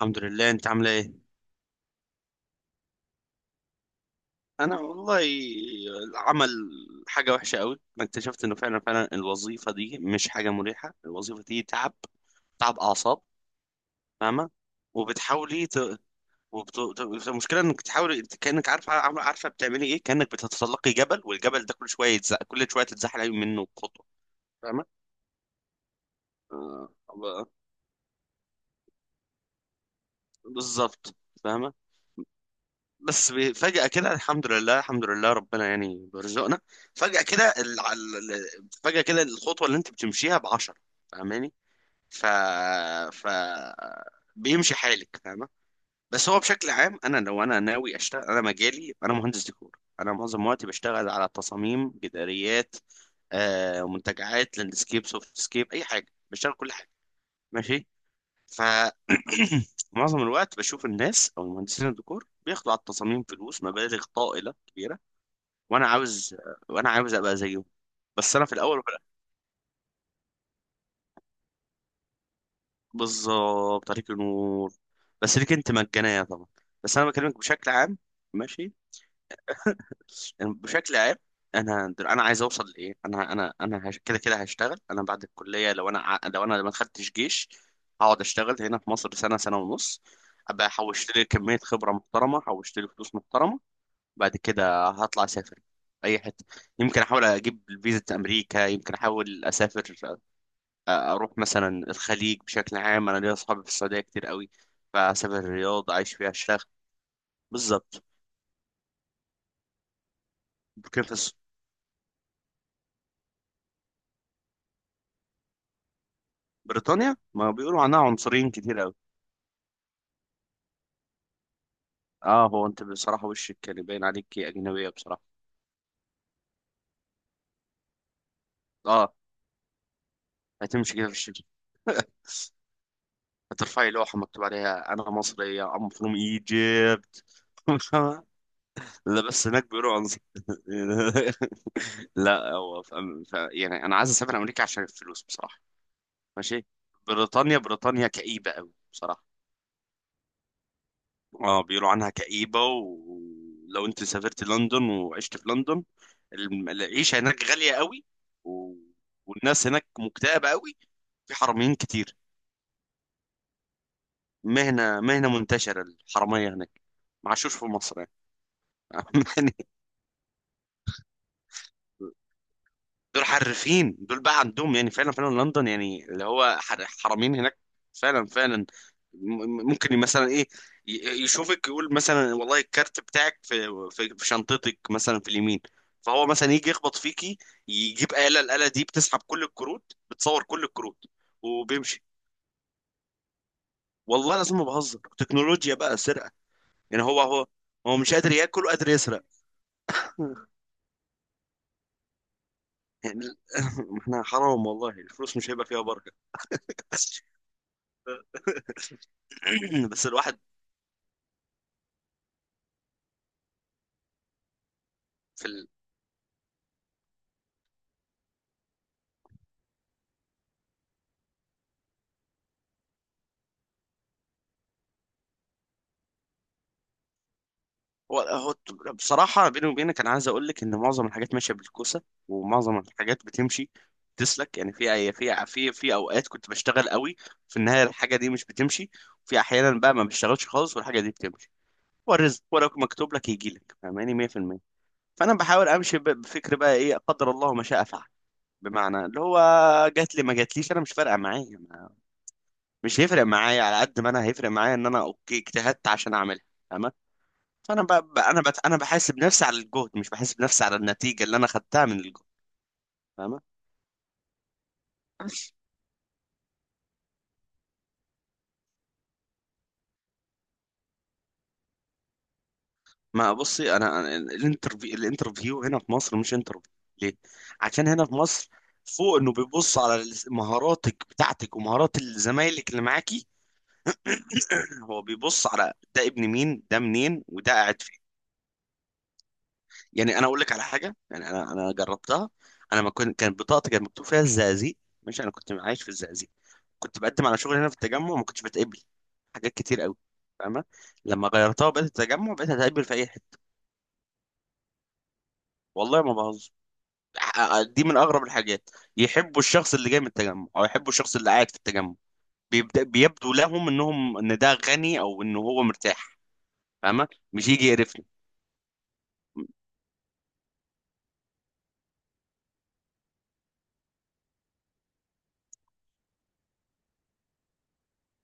الحمد لله. انت عامله ايه؟ انا والله، العمل حاجه وحشه قوي. انا اكتشفت انه فعلا فعلا الوظيفه دي مش حاجه مريحه. الوظيفه دي تعب، تعب اعصاب، فاهمه؟ وبتحاولي ت... وبت... ت- المشكله انك تحاولي. انت كانك عارفه، عارفه بتعملي ايه. كانك بتتسلقي جبل، والجبل ده كل شويه يتزق، كل شويه تتزحلقي منه خطوه. فاهمه؟ آه، ب- بالظبط. فاهمه؟ فجأة كده الحمد لله، الحمد لله، ربنا يعني بيرزقنا. فجأة كده فجأة كده الخطوة اللي انت بتمشيها بعشرة. فاهماني؟ ف ف بيمشي حالك، فاهمة؟ بس هو بشكل عام، لو انا ناوي اشتغل، انا مجالي، انا مهندس ديكور، انا معظم وقتي بشتغل على تصاميم جداريات، آه، منتجعات، لاندسكيب، سوفت سكيب، اي حاجة. بشتغل كل حاجة. ماشي. ف معظم الوقت بشوف الناس او مهندسين الديكور بياخدوا على التصاميم فلوس، مبالغ طائله كبيره. وانا عاوز، وانا عاوز ابقى زيهم. بس انا في الاول وفي الآخر- بالظبط، عليك نور. بس ليك انت مجانيه طبعا. بس انا بكلمك بشكل عام، ماشي؟ يعني بشكل عام. انا عايز اوصل لايه. كده كده هشتغل انا بعد الكليه، لو انا ما خدتش جيش، هقعد اشتغل هنا في مصر سنه، سنه ونص. ابقى حوشت لي كميه خبره محترمه، حوشت لي فلوس محترمه. بعد كده هطلع اسافر اي حته. يمكن احاول اجيب فيزا امريكا، يمكن احاول اسافر. اروح مثلا الخليج. بشكل عام انا ليا اصحابي في السعوديه كتير قوي، فاسافر الرياض، عايش فيها الشيخ. بالظبط. كيف في الس- بريطانيا ما بيقولوا عنها عنصريين كتير قوي. اه، هو انت بصراحه وشك كان باين عليكي اجنبيه بصراحه. اه، هتمشي كده في الشارع، هترفعي لوحه مكتوب عليها انا مصريه، ام فروم ايجيبت. لا بس هناك بيقولوا عنصر. لا هو يعني انا عايز اسافر امريكا عشان الفلوس بصراحه. ماشي. بريطانيا، بريطانيا كئيبه قوي بصراحه. اه، بيقولوا عنها كئيبه. ولو انت سافرت لندن وعشت في لندن، العيشه هناك غاليه قوي، و... والناس هناك مكتئبه قوي. في حراميين كتير. مهنه، مهنه منتشره الحراميه هناك. ما عاشوش في مصر يعني. يعني دول حرفين، دول بقى عندهم، يعني فعلا فعلا لندن، يعني اللي هو حرامين هناك، فعلا فعلا. ممكن مثلا ايه، يشوفك يقول مثلا، والله الكارت بتاعك في شنطتك مثلا في اليمين، فهو مثلا يجي يخبط فيكي، يجيب آلة. الآلة دي بتسحب كل الكروت، بتصور كل الكروت وبيمشي. والله لازم، ما بهزر، تكنولوجيا بقى، سرقة. يعني هو مش قادر ياكل وقادر يسرق. يعني ال- احنا حرام والله، الفلوس مش هيبقى فيها بركة. بس الواحد. في ال... هو بصراحة، بيني وبينك، أنا عايز أقول لك إن معظم الحاجات ماشية بالكوسة، ومعظم الحاجات بتمشي، تسلك يعني. في أوقات كنت بشتغل قوي، في النهاية الحاجة دي مش بتمشي. وفي أحيانا بقى ما بشتغلش خالص، والحاجة دي بتمشي. هو الرزق ولو مكتوب لك يجي لك، فاهماني؟ 100%. فأنا بحاول أمشي، بفكر بقى، إيه قدر الله ما شاء فعل. بمعنى اللي هو جات لي، ما جاتليش، أنا مش فارقة معايا. مش هيفرق معايا على قد ما أنا هيفرق معايا إن أنا، أوكي، اجتهدت عشان أعملها. فانا انا بحاسب نفسي على الجهد، مش بحاسب نفسي على النتيجه اللي انا خدتها من الجهد. فاهمه؟ ما بصي، أنا الانترفيو، الانترفيو هنا في مصر مش انترفيو. ليه؟ عشان هنا في مصر، فوق انه بيبص على مهاراتك بتاعتك ومهارات زمايلك اللي معاكي، هو بيبص على ده ابن مين، ده منين، وده قاعد فين. يعني انا اقول لك على حاجه، يعني انا جربتها. انا ما كنت كانت بطاقتي كان مكتوب فيها الزقازيق، مش انا كنت عايش في الزقازيق. كنت بقدم على شغل هنا في التجمع، ما كنتش بتقبل حاجات كتير قوي. فاهمة؟ لما غيرتها وبقيت التجمع، بقيت هتقبل في اي حته. والله ما بهزر. دي من اغرب الحاجات. يحبوا الشخص اللي جاي من التجمع، او يحبوا الشخص اللي قاعد في التجمع. بيبدأ بيبدو لهم انهم، ان ده غني او ان هو مرتاح، فاهمة؟ مش يجي يقرفني.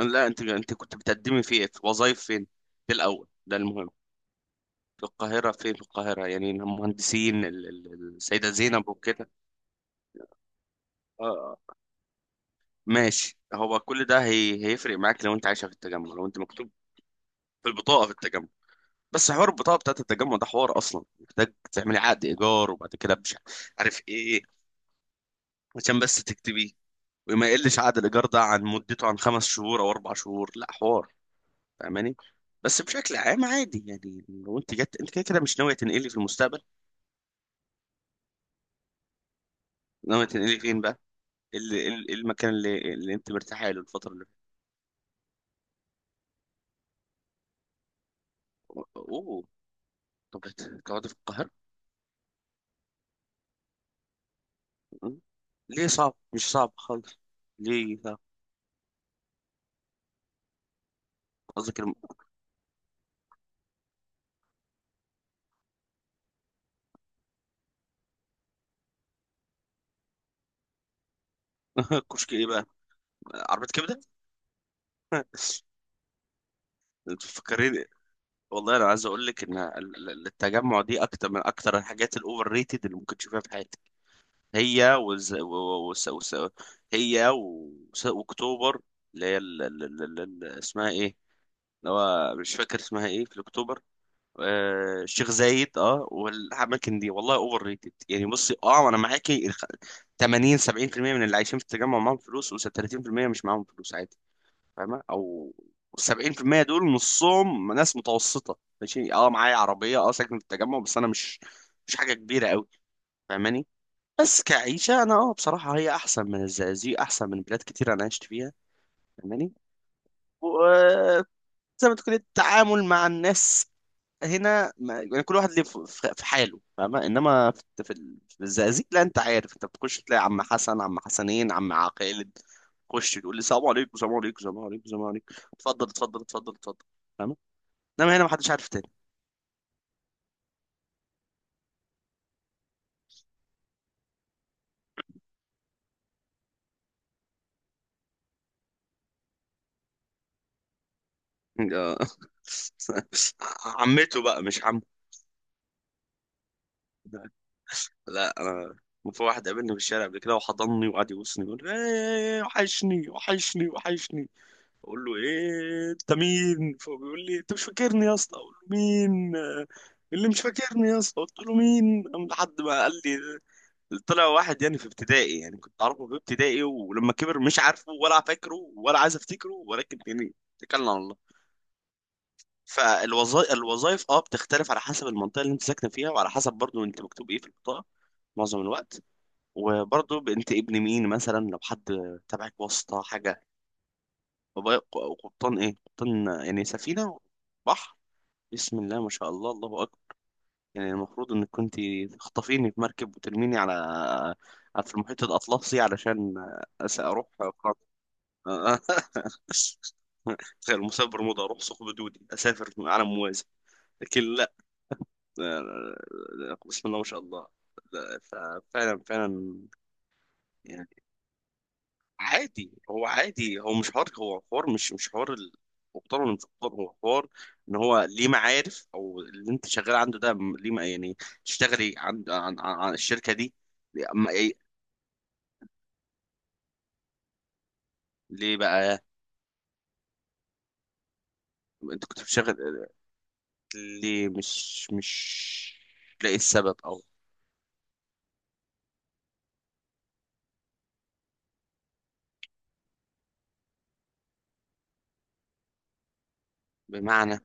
لا، انت كنت بتقدمي في ايه؟ في وظايف فين؟ في الاول ده المهم. في القاهرة فين؟ في القاهرة يعني المهندسين، السيدة زينب وكده. اه، آه. ماشي. هو كل ده هيفرق معاك لو انت عايشه في التجمع، لو انت مكتوب في البطاقه في التجمع. بس حوار البطاقه بتاعت التجمع ده حوار اصلا، محتاج تعملي عقد ايجار، وبعد كده مش عارف ايه، عشان بس تكتبيه. وما يقلش عقد الايجار ده عن مدته عن 5 شهور او 4 شهور، لا حوار. فاهماني؟ بس بشكل عام عادي يعني، لو انت جت، انت كده كده مش ناويه تنقلي في المستقبل. ناويه تنقلي فين بقى؟ ايه ايه المكان اللي انت مرتاحه له الفتره اللي فاتت؟ اوه. طب تقعدي في القاهره. ليه صعب؟ مش صعب خالص. ليه صعب؟ قصدك كشك ايه بقى؟ عربية كبدة. انت فكرين. والله انا عايز اقول لك ان التجمع دي اكتر من اكتر الحاجات الاوفر ريتد اللي ممكن تشوفها في حياتك. هي وز... و... و... وس... وس... هي واكتوبر. اللي هي اسمها ايه، اللي هو مش فاكر اسمها ايه في اكتوبر، آه، الشيخ زايد. اه، والاماكن دي والله اوفر ريتد. يعني بصي، اه انا معاكي. 80، 70% من اللي عايشين في التجمع معاهم فلوس، و30% مش معاهم فلوس عادي. فاهمه؟ او 70% دول نصهم ناس متوسطه، ماشي. اه معايا عربيه، اه ساكن في التجمع، بس انا مش، مش حاجه كبيره قوي، فاهماني؟ بس كعيشه انا، اه بصراحه هي احسن من الزقازيق، احسن من بلاد كتير انا عشت فيها، فاهماني؟ زي ما تكون التعامل مع الناس هنا، ما يعني كل واحد ليه في حاله، فاهمة؟ انما في الزقازيق لا، انت عارف، انت بتخش تلاقي عم حسن، عم حسنين، عم عقيل، تخش تقول لي السلام عليكم، السلام عليكم، السلام عليكم، السلام عليكم، اتفضل، اتفضل، اتفضل، اتفضل، فاهمة؟ انما هنا ما حدش عارف تاني. آه. عمته بقى مش عمه. لا انا، في واحد قابلني في الشارع قبل كده وحضني وقعد يبوسني يقول لي، ايه، إيه، إيه، وحشني، وحشني، وحشني. بقول له ايه انت مين، فهو بيقول لي انت مش فاكرني يا اسطى، اقول له مين آه، اللي مش فاكرني يا اسطى، قلت له مين، قام لحد ما قال لي، طلع واحد يعني في ابتدائي، يعني كنت اعرفه في ابتدائي، ولما كبر مش عارفه ولا فاكره ولا عايز افتكره، ولكن يعني اتكلنا على الله. فالوظائف، الوظائف اه بتختلف على حسب المنطقه اللي انت ساكنه فيها، وعلى حسب برضو انت مكتوب ايه في البطاقه معظم الوقت. وبرضو انت ابن مين، مثلا لو حد تبعك، واسطه، حاجه. وقبطان ايه؟ قبطان يعني سفينة، بحر. بسم الله ما شاء الله، الله أكبر. يعني المفروض انك كنت تخطفيني في مركب وترميني في المحيط الأطلسي، علشان أروح فرنسا. غير مسافر برمودا، أروح ثقب دودي، أسافر عالم موازي. لكن لا. آه، آه، آه، بسم الله ما شاء الله. لا، ففعلا فعلا. يعني عادي، هو عادي، هو مش حوار، هو حوار، مش حوار مقتدر ولا مش مقتدر. هو حوار ان هو ليه معارف، او اللي انت شغال عنده ده، ليه يعني تشتغلي عن الشركه دي. ليه أما إيه- ليه بقى؟ انت كنت بتشتغل؟ ليه مش لاقي السبب؟ او بمعنى.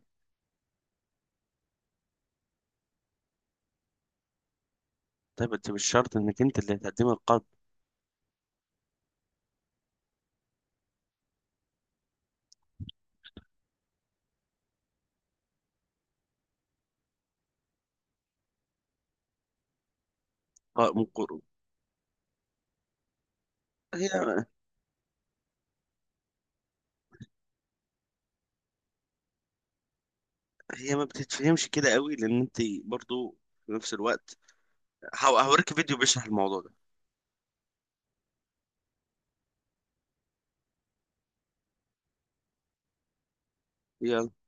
طيب انت مش شرط انك انت اللي هتقدمي القرض. من قرض. هي هي ما بتتفهمش كده قوي، لان انت برضو في نفس الوقت، هوريك فيديو بيشرح الموضوع ده.